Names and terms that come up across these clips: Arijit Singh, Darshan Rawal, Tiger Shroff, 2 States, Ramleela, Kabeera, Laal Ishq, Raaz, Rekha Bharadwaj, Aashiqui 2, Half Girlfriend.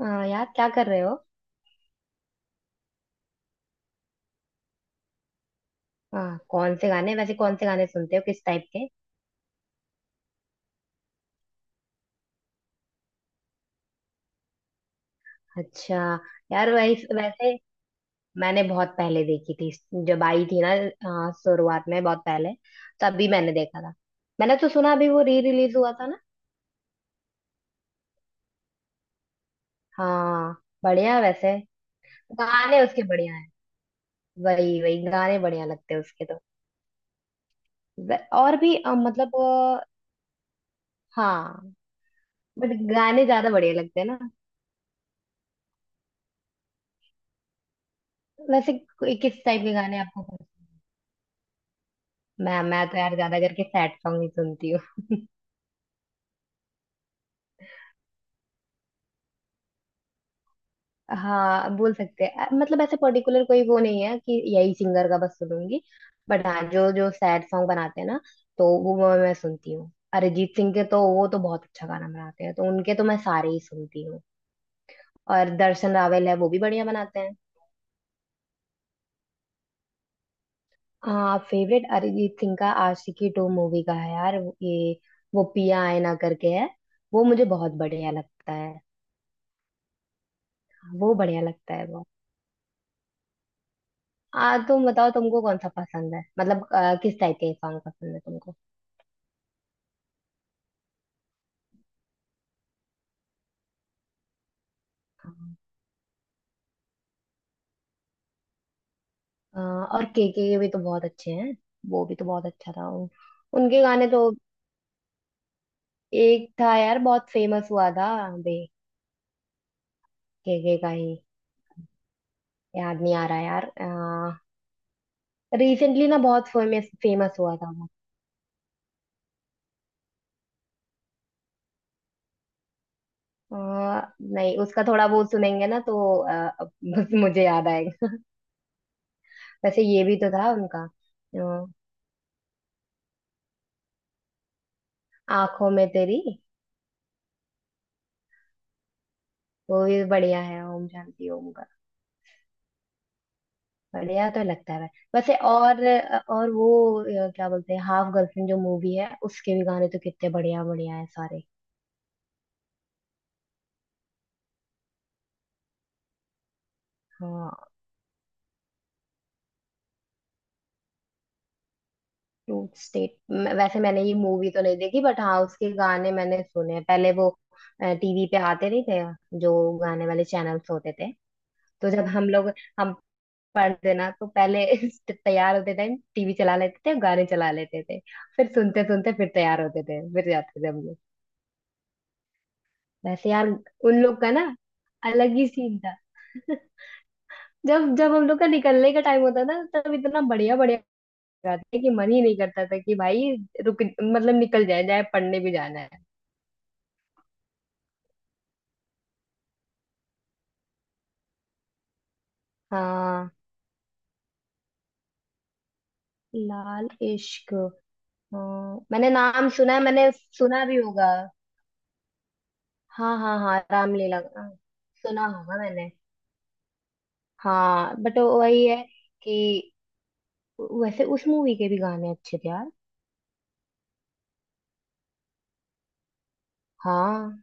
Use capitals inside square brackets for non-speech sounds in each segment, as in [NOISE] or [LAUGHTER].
हाँ यार, क्या कर रहे हो। हाँ, कौन से गाने, वैसे कौन से गाने सुनते हो, किस टाइप के। अच्छा, यार वैसे मैंने बहुत पहले देखी थी, जब आई थी ना। हाँ, शुरुआत में बहुत पहले तभी मैंने देखा था। मैंने तो सुना अभी वो री रिलीज हुआ था ना। हाँ, बढ़िया है वैसे। गाने उसके बढ़िया हैं। वही वही गाने बढ़िया लगते हैं उसके तो। और भी मतलब हाँ बट गाने ज्यादा बढ़िया लगते हैं ना। वैसे किस टाइप के गाने आपको। मैं तो यार ज्यादा करके सैड सॉन्ग ही सुनती हूँ। [LAUGHS] हाँ, बोल सकते हैं। मतलब ऐसे पर्टिकुलर कोई वो नहीं है कि यही सिंगर का बस सुनूंगी। बट हाँ, जो जो सैड सॉन्ग बनाते हैं ना, तो वो मैं सुनती हूँ। अरिजीत सिंह के तो वो तो बहुत अच्छा गाना बनाते हैं, तो उनके तो मैं सारे ही सुनती हूँ। और दर्शन रावल है, वो भी बढ़िया बनाते हैं। हाँ, फेवरेट अरिजीत सिंह का आशिकी 2 मूवी का है यार। ये वो पिया आए ना करके है। वो मुझे बहुत बढ़िया लगता है। वो बढ़िया लगता है बहुत। आ तुम बताओ, तुमको कौन सा पसंद है, मतलब किस टाइप के सॉन्ग पसंद है तुमको। आ, और के भी तो बहुत अच्छे हैं। वो भी तो बहुत अच्छा था उनके गाने तो। एक था यार, बहुत फेमस हुआ था। बे के का ही याद नहीं आ रहा यार। रिसेंटली ना बहुत फेमस फेमस हुआ था वो। नहीं उसका थोड़ा वो सुनेंगे ना तो अब [LAUGHS] मुझे याद आएगा। वैसे ये भी तो था उनका। आ, आंखों में तेरी, वो भी बढ़िया है ओम शांति ओम। बढ़िया तो लगता है भाई। वैसे और वो क्या बोलते हैं, हाफ गर्लफ्रेंड जो मूवी है, उसके भी गाने तो कितने बढ़िया बढ़िया है सारे। हाँ, 2 स्टेट। वैसे मैंने ये मूवी तो नहीं देखी, बट हाँ उसके गाने मैंने सुने हैं। पहले वो टीवी पे आते नहीं थे, जो गाने वाले चैनल्स होते थे। तो जब हम लोग, हम पढ़ते ना तो पहले [LAUGHS] तैयार होते थे। टीवी चला लेते थे, गाने चला लेते थे। फिर सुनते सुनते फिर तैयार होते थे, फिर जाते थे हम। वैसे यार उन लोग का ना, अलग ही सीन था। [LAUGHS] जब जब हम लोग का निकलने का टाइम होता था, तब इतना बढ़िया बढ़िया गाते कि मन ही नहीं करता था कि भाई रुक, मतलब निकल जाए जाए, पढ़ने भी जाना है। हाँ, लाल इश्क। हाँ, मैंने नाम सुना है, मैंने सुना भी होगा। हाँ हाँ हाँ, रामलीला, हाँ, सुना होगा मैंने। हाँ, बट वही है कि वैसे उस मूवी के भी गाने अच्छे थे यार। हाँ,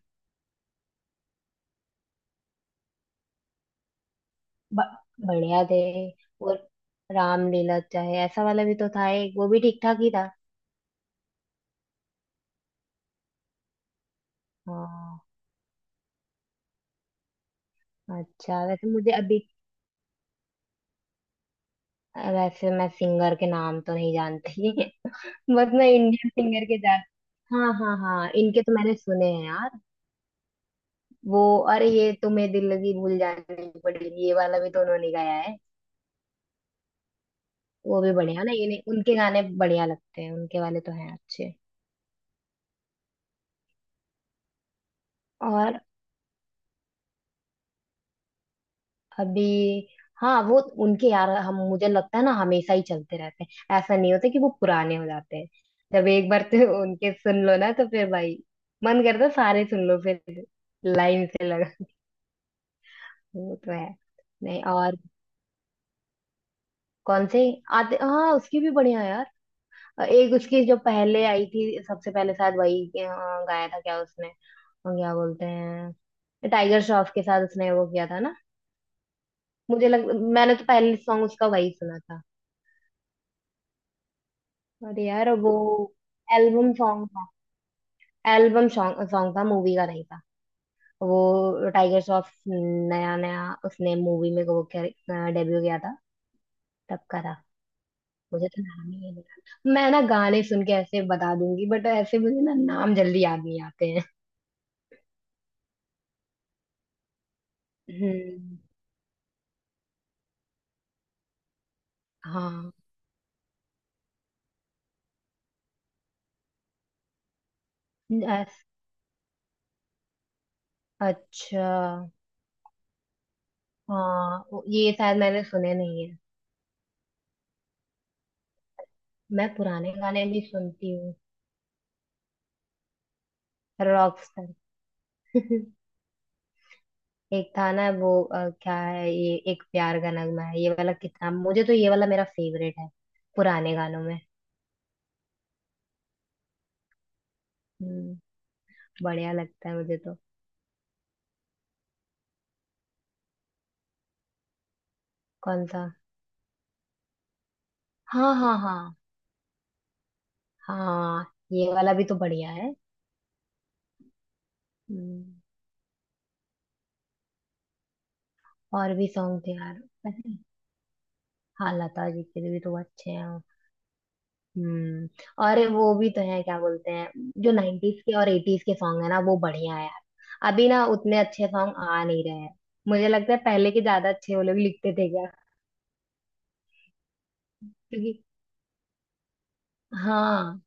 ब- बढ़िया थे वो। रामलीला चाहे ऐसा वाला भी तो था एक, वो भी ठीक ठाक ही था। हाँ। अच्छा वैसे मुझे अभी, वैसे मैं सिंगर के नाम तो नहीं जानती। [LAUGHS] बस मैं इंडियन सिंगर के जान। हाँ हाँ हाँ, इनके तो मैंने सुने हैं यार। वो, अरे ये तुम्हें दिल लगी भूल जानी पड़ेगी, ये वाला भी तो उन्होंने गाया है। वो भी बढ़िया ना। ये उनके गाने बढ़िया लगते हैं, उनके वाले तो हैं अच्छे। और अभी, हाँ वो उनके यार, हम मुझे लगता है ना, हमेशा ही चलते रहते हैं। ऐसा नहीं होता कि वो पुराने हो जाते हैं। जब एक बार तो उनके सुन लो ना, तो फिर भाई मन करता है सारे सुन लो फिर, लाइन से लगा के। वो तो है। नहीं, और कौन से आते। हाँ उसकी भी बढ़िया है यार। एक उसकी जो पहले आई थी, सबसे पहले शायद वही गाया था क्या उसने। और क्या बोलते हैं, टाइगर श्रॉफ के साथ उसने वो किया था ना। मुझे लग, मैंने तो पहले सॉन्ग उसका वही सुना था। अरे यार वो एल्बम सॉन्ग था। एल्बम सॉन्ग सॉन्ग था, मूवी का नहीं था। वो टाइगर श्रॉफ नया नया उसने मूवी में वो डेब्यू किया था, तब का था। मुझे तो नाम ही नहीं याद। मैं ना गाने सुन के ऐसे बता दूंगी, बट ऐसे मुझे ना नाम जल्दी याद नहीं आते हैं। हम्म। हाँ। अस- अच्छा। हाँ ये शायद मैंने सुने नहीं है। मैं पुराने गाने भी सुनती हूँ। Rock star. [LAUGHS] एक था ना वो, क्या है ये, एक प्यार का नगमा है, ये वाला कितना, मुझे तो ये वाला मेरा फेवरेट है, पुराने गानों में। हम्म। बढ़िया लगता है मुझे तो। कौन सा। हाँ हाँ हाँ हाँ, ये वाला भी तो बढ़िया है। हम्म। और भी सॉन्ग थे यार, पता है। हाँ, लता जी के भी तो अच्छे हैं। हम्म। और वो भी तो है, क्या बोलते हैं, जो 90s के और 80s के सॉन्ग है ना, वो बढ़िया है यार। अभी ना उतने अच्छे सॉन्ग आ नहीं रहे हैं। मुझे लगता है पहले के ज्यादा अच्छे वो लोग लिखते थे क्या, क्योंकि हाँ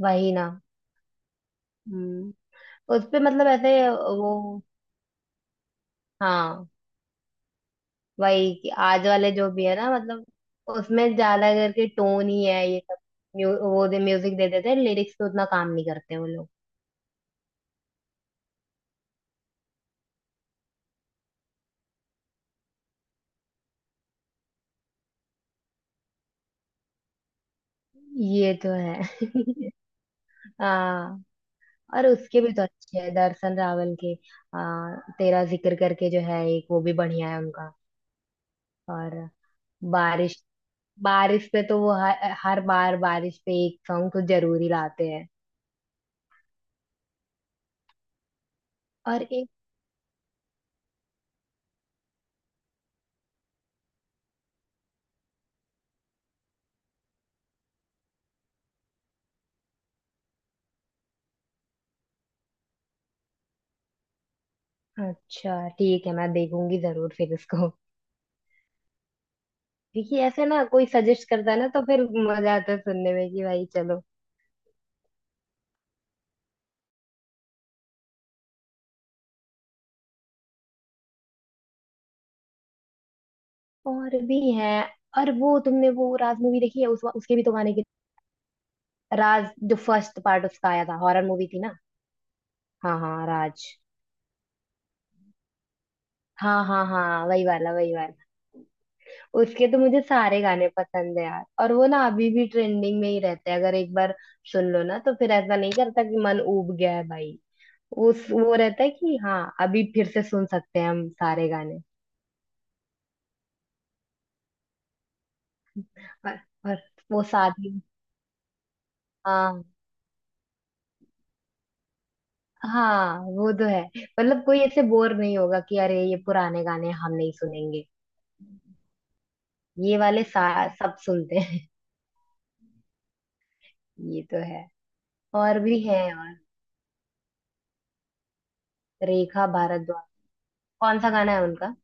वही ना। हम्म। उस पे मतलब ऐसे वो, हाँ वही कि आज वाले जो भी है ना, मतलब उसमें ज्यादा करके टोन ही है ये सब। वो दे म्यूजिक दे देते हैं, लिरिक्स पे उतना काम नहीं करते वो लोग। ये तो है। [LAUGHS] हाँ। और उसके भी तो अच्छे हैं, दर्शन रावल के। तेरा जिक्र करके जो है एक, वो भी बढ़िया है उनका। और बारिश, बारिश पे तो वो हर बार बारिश पे एक सॉन्ग तो जरूरी लाते हैं। और अच्छा, ठीक है मैं देखूंगी जरूर फिर इसको। क्योंकि ऐसे ना कोई सजेस्ट करता है ना, तो फिर मजा आता है सुनने में कि भाई चलो। और भी है और वो, तुमने वो राज मूवी देखी है उसके भी तो गाने के। राज जो फर्स्ट पार्ट उसका आया था, हॉरर मूवी थी ना। हाँ हाँ, राज। हाँ हाँ हाँ, वही वाला वही वाला। उसके तो मुझे सारे गाने पसंद है यार। और वो ना अभी भी ट्रेंडिंग में ही रहते हैं। अगर एक बार सुन लो ना, तो फिर ऐसा नहीं करता कि मन ऊब गया है भाई। उस वो रहता है कि हाँ अभी फिर से सुन सकते हैं हम सारे गाने। और, और वो शादी। हाँ हाँ, वो तो है। मतलब कोई ऐसे बोर नहीं होगा कि अरे ये पुराने गाने हम नहीं सुनेंगे। ये वाले सब सुनते हैं। [LAUGHS] ये तो है और भी है और। रेखा भारद्वाज, कौन सा गाना है उनका।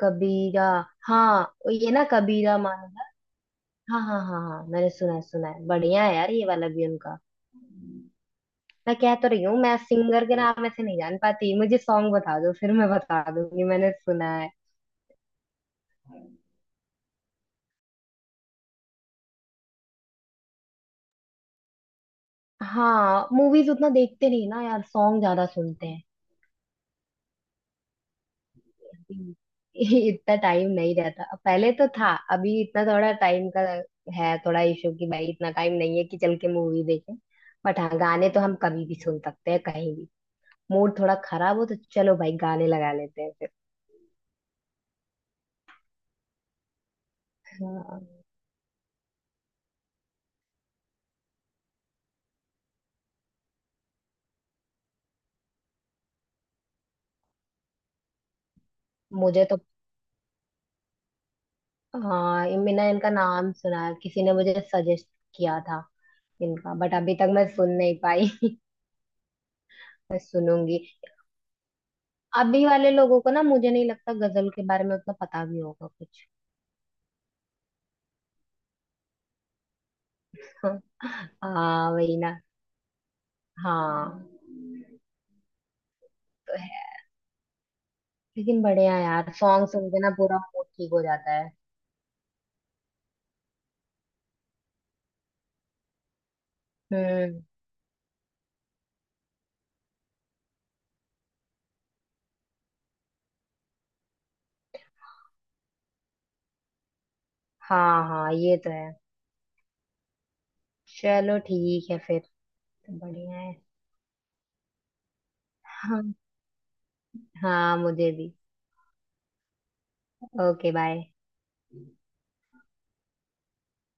कबीरा। हाँ ये ना कबीरा माना, हाँ हाँ हाँ हाँ मैंने सुना है सुना है, बढ़िया है यार ये वाला भी उनका। मैं कह तो रही हूँ, मैं सिंगर के नाम ऐसे नहीं जान पाती। मुझे सॉन्ग बता दो, फिर मैं बता दूंगी मैंने सुना है। हाँ, मूवीज उतना देखते नहीं ना यार, सॉन्ग ज्यादा सुनते हैं। हम्म। [LAUGHS] इतना टाइम नहीं रहता, पहले तो था। अभी इतना थोड़ा टाइम का है, थोड़ा इशू कि भाई इतना टाइम नहीं है कि चल के मूवी देखें। बट हाँ गाने तो हम कभी भी सुन सकते हैं, कहीं भी। मूड थोड़ा खराब हो तो चलो भाई गाने लगा लेते हैं फिर। हाँ, मुझे तो। हाँ, ये मैंने इनका नाम सुना है, किसी ने मुझे सजेस्ट किया था इनका, बट अभी तक मैं सुन नहीं पाई। [LAUGHS] सुनूंगी। अभी वाले लोगों को ना, मुझे नहीं लगता गजल के बारे में उतना पता भी होगा कुछ। [LAUGHS] हाँ, हाँ, वही ना। हाँ हाँ, तो है। लेकिन बढ़िया यार, सॉन्ग सुन के ना पूरा मूड ठीक हो जाता है। हम्म। हाँ हाँ, ये तो है। चलो ठीक है फिर। बढ़िया है। हाँ, हाँ मुझे भी। Okay, bye.